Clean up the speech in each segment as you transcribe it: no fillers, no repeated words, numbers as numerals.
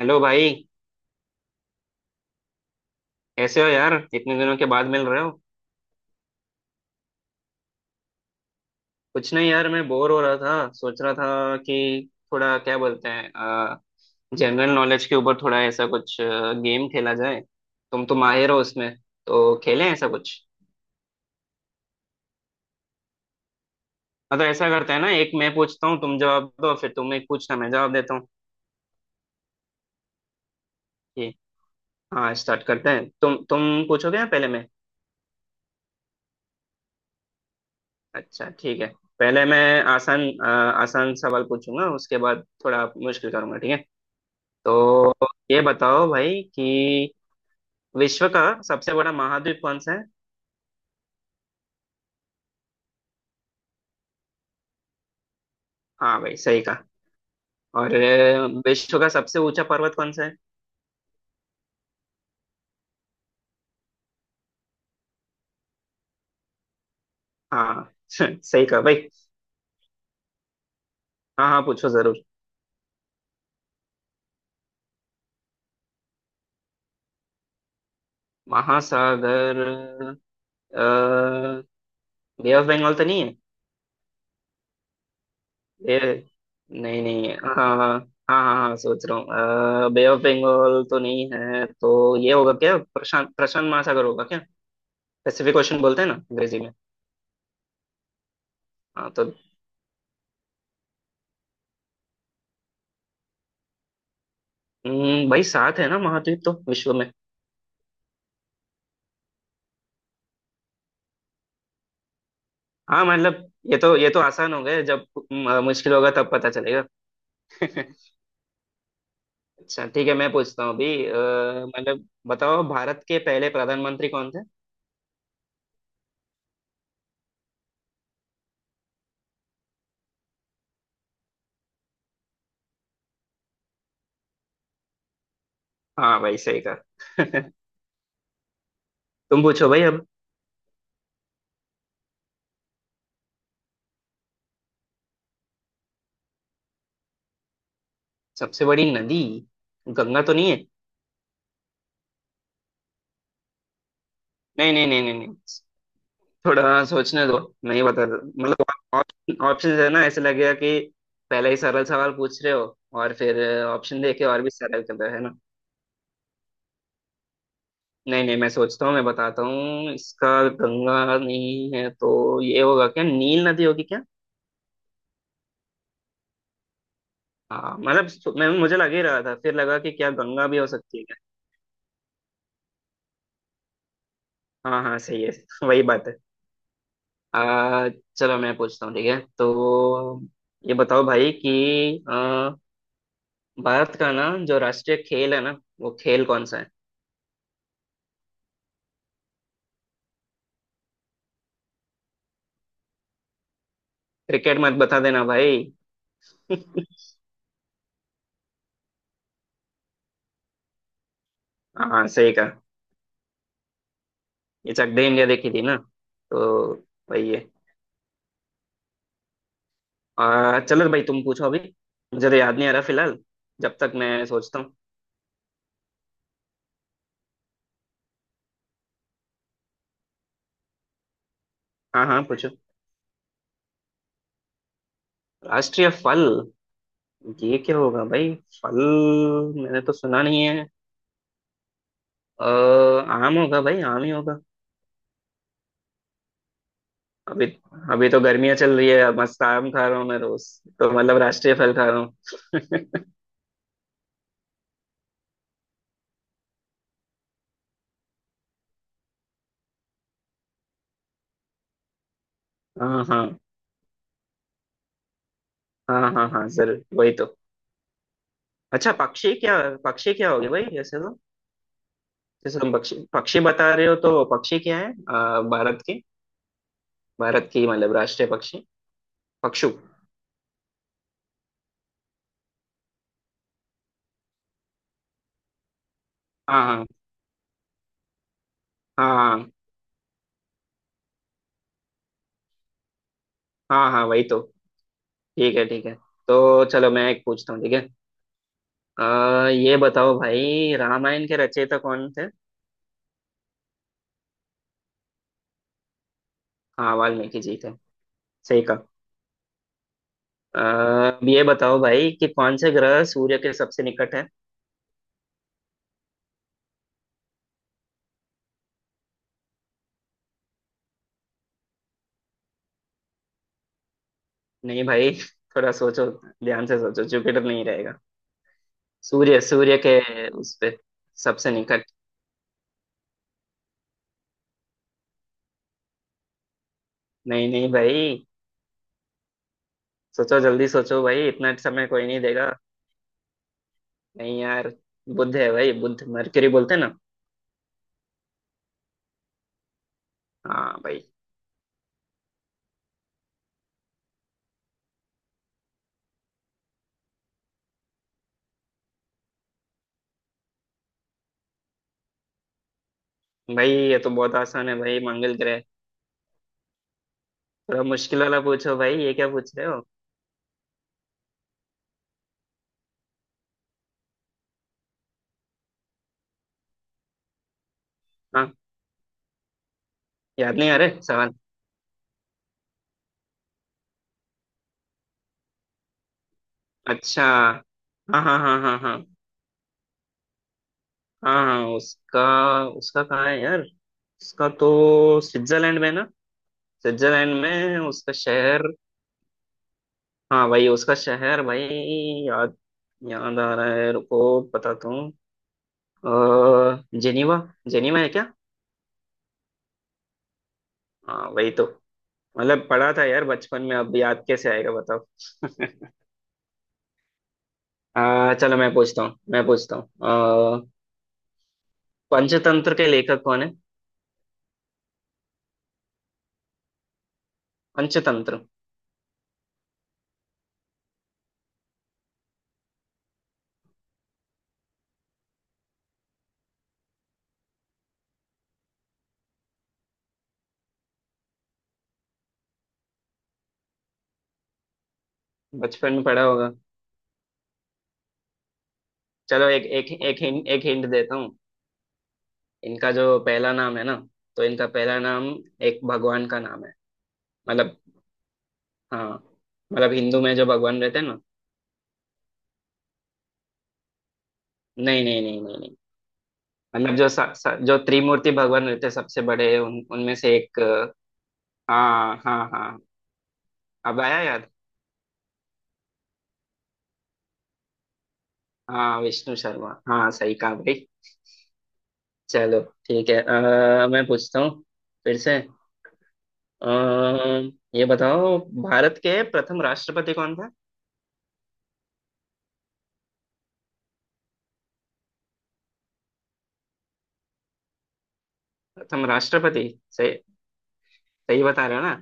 Hello भाई। कैसे हो यार इतने दिनों के बाद मिल रहे हो। कुछ नहीं यार मैं बोर हो रहा था, सोच रहा था कि थोड़ा क्या बोलते हैं, जनरल नॉलेज के ऊपर थोड़ा ऐसा कुछ गेम खेला जाए। तुम तो माहिर हो उसमें, तो खेलें ऐसा कुछ। मतलब ऐसा करते हैं ना, एक मैं पूछता हूँ तुम जवाब दो, फिर तुम एक पूछना मैं जवाब देता हूँ। ठीक। हाँ स्टार्ट करते हैं। तुम पूछोगे या पहले मैं। अच्छा ठीक है, पहले मैं आसान आसान सवाल पूछूंगा, उसके बाद थोड़ा मुश्किल करूंगा, ठीक है। तो ये बताओ भाई कि विश्व का सबसे बड़ा महाद्वीप कौन सा है। हाँ भाई सही कहा। और विश्व का सबसे ऊंचा पर्वत कौन सा है। हाँ सही कहा भाई। हाँ हाँ, पूछो जरूर। महासागर। बे ऑफ बंगाल तो नहीं है। ये। नहीं नहीं है। हाँ हाँ हाँ। हाँ हाँ हाँ, सोच रहा हूँ। बे ऑफ बंगाल तो नहीं है, तो ये होगा क्या, प्रशांत प्रशांत महासागर होगा क्या। पैसिफिक ओशन बोलते हैं ना अंग्रेजी में। हाँ तो। भाई सात है ना महाद्वीप तो विश्व में। हाँ मतलब ये तो आसान हो गए। जब मुश्किल होगा तब पता चलेगा। अच्छा ठीक है, मैं पूछता हूँ अभी। मतलब बताओ, भारत के पहले प्रधानमंत्री कौन थे। हाँ भाई सही कहा। तुम पूछो भाई अब। सबसे बड़ी नदी। गंगा तो नहीं है। नहीं नहीं नहीं नहीं नहीं, थोड़ा सोचने दो। नहीं बता, मतलब ऑप्शन है ना, ऐसे लगेगा कि पहले ही सरल सवाल पूछ रहे हो और फिर ऑप्शन देके और भी सरल कर रहे हो, है ना। नहीं नहीं, मैं सोचता हूँ, मैं बताता हूँ इसका। गंगा नहीं है तो ये होगा क्या, नील नदी होगी क्या। हाँ मतलब मैं मुझे लग ही रहा था, फिर लगा कि क्या गंगा भी हो सकती है क्या। हाँ हाँ सही है। वही बात है। आ, चलो मैं पूछता हूँ, ठीक है तो। ये बताओ भाई कि भारत का ना जो राष्ट्रीय खेल है ना, वो खेल कौन सा है। क्रिकेट मत बता देना भाई। हाँ सही कहा। ये चक दे इंडिया देखी थी ना, तो वही है। चलो भाई तुम पूछो अभी, मुझे तो याद नहीं आ रहा फिलहाल। जब तक मैं सोचता हूँ। हाँ हाँ, पूछो। राष्ट्रीय फल। ये क्या होगा भाई। फल मैंने तो सुना नहीं है। अ, आम होगा भाई, आम ही होगा। अभी अभी तो गर्मियाँ चल रही है, मस्त आम खा रहा हूँ मैं रोज। तो मतलब राष्ट्रीय फल खा रहा हूँ। हाँ हाँ हाँ। हाँ हाँ जरूर, वही तो। अच्छा पक्षी क्या। पक्षी क्या होगी भाई। जैसे तो, जैसे तुम पक्षी पक्षी बता रहे हो तो पक्षी क्या है, भारत के, भारत की मतलब राष्ट्रीय पक्षी, पक्षु। हाँ हाँ हाँ। हाँ वही तो। ठीक है ठीक है। तो चलो मैं एक पूछता हूँ, ठीक है। ये बताओ भाई, रामायण के रचयिता कौन थे। हाँ वाल्मीकि जी थे, सही कहा। अ, अब ये बताओ भाई कि कौन से ग्रह सूर्य के सबसे निकट है। नहीं भाई थोड़ा सोचो, ध्यान से सोचो, जुपिटर नहीं रहेगा। सूर्य सूर्य के उस पे सबसे निकट। नहीं नहीं भाई, सोचो जल्दी सोचो भाई, इतना समय कोई नहीं देगा। नहीं यार, बुध है भाई, बुध, मरकरी बोलते हैं ना। हाँ भाई। भाई ये तो बहुत आसान है भाई, मंगल ग्रह। थोड़ा मुश्किल वाला पूछो भाई, ये क्या पूछ रहे हो। हाँ, याद नहीं आ रहे सवाल। अच्छा, हाँ हाँ हाँ हाँ हाँ हाँ। हाँ उसका, उसका कहाँ है यार। उसका तो स्विट्जरलैंड में ना। स्विट्जरलैंड में उसका शहर। हाँ भाई उसका शहर भाई, याद, याद आ रहा है, रुको बताता हूँ। जेनीवा, जेनीवा है क्या। हाँ वही तो। मतलब पढ़ा था यार बचपन में, अब याद कैसे आएगा बताओ। चलो मैं पूछता हूँ। आ, पंचतंत्र के लेखक कौन है। पंचतंत्र, बचपन में पढ़ा होगा। चलो एक एक एक हिंट, एक हिंट देता हूँ। इनका जो पहला नाम है ना, तो इनका पहला नाम एक भगवान का नाम है। मतलब, हाँ, मतलब हिंदू में जो भगवान रहते हैं ना। नहीं नहीं नहीं नहीं नहीं। मतलब जो सा, सा, जो त्रिमूर्ति भगवान रहते हैं सबसे बड़े, उन उनमें से एक। हाँ हाँ हाँ, अब आया याद। हाँ विष्णु शर्मा, हाँ सही कहा भाई। चलो ठीक है। मैं पूछता हूँ फिर से। ये बताओ, भारत के प्रथम राष्ट्रपति कौन थे। प्रथम राष्ट्रपति, सही। सही बता रहे हो ना।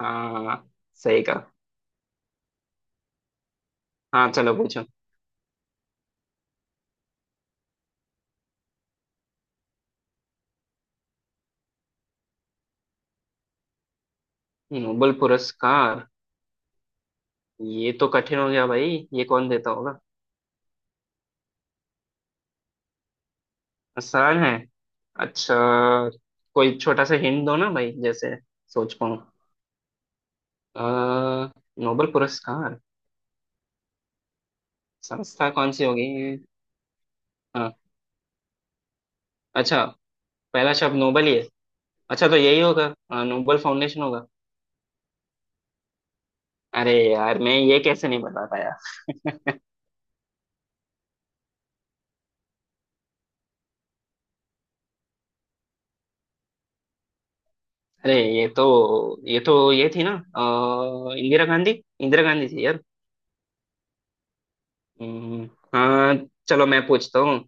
हाँ सही कहा। हाँ चलो पूछो। नोबेल पुरस्कार, ये तो कठिन हो गया भाई, ये कौन देता होगा। आसान है, अच्छा। कोई छोटा सा हिंट दो ना भाई जैसे, सोच पाऊँ। अ, नोबेल पुरस्कार संस्था कौन सी होगी। हाँ, अच्छा। पहला शब्द नोबेल ही है। अच्छा तो यही होगा, नोबेल फाउंडेशन होगा। अरे यार मैं ये कैसे नहीं बता पाया। अरे ये तो, ये थी ना, इंदिरा गांधी, इंदिरा गांधी थी यार। हम्म, हाँ। चलो मैं पूछता हूँ।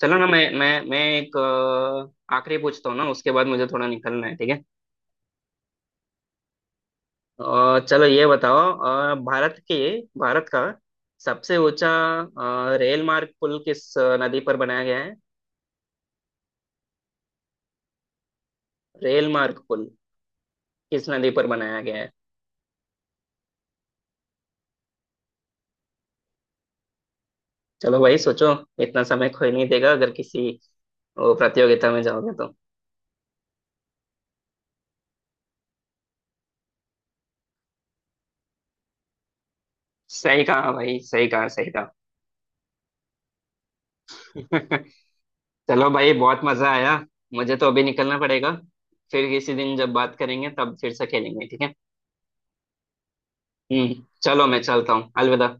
चलो ना मैं एक आखिरी पूछता हूँ ना, उसके बाद मुझे थोड़ा निकलना है, ठीक है। चलो ये बताओ, भारत का सबसे ऊंचा रेल मार्ग पुल किस नदी पर बनाया गया है। रेल मार्ग पुल किस नदी पर बनाया गया है। चलो भाई सोचो, इतना समय कोई नहीं देगा अगर किसी प्रतियोगिता में जाओगे तो। सही कहा भाई, सही कहा सही कहा। चलो भाई बहुत मजा आया, मुझे तो अभी निकलना पड़ेगा। फिर किसी दिन जब बात करेंगे तब फिर से खेलेंगे, ठीक है। चलो मैं चलता हूँ, अलविदा।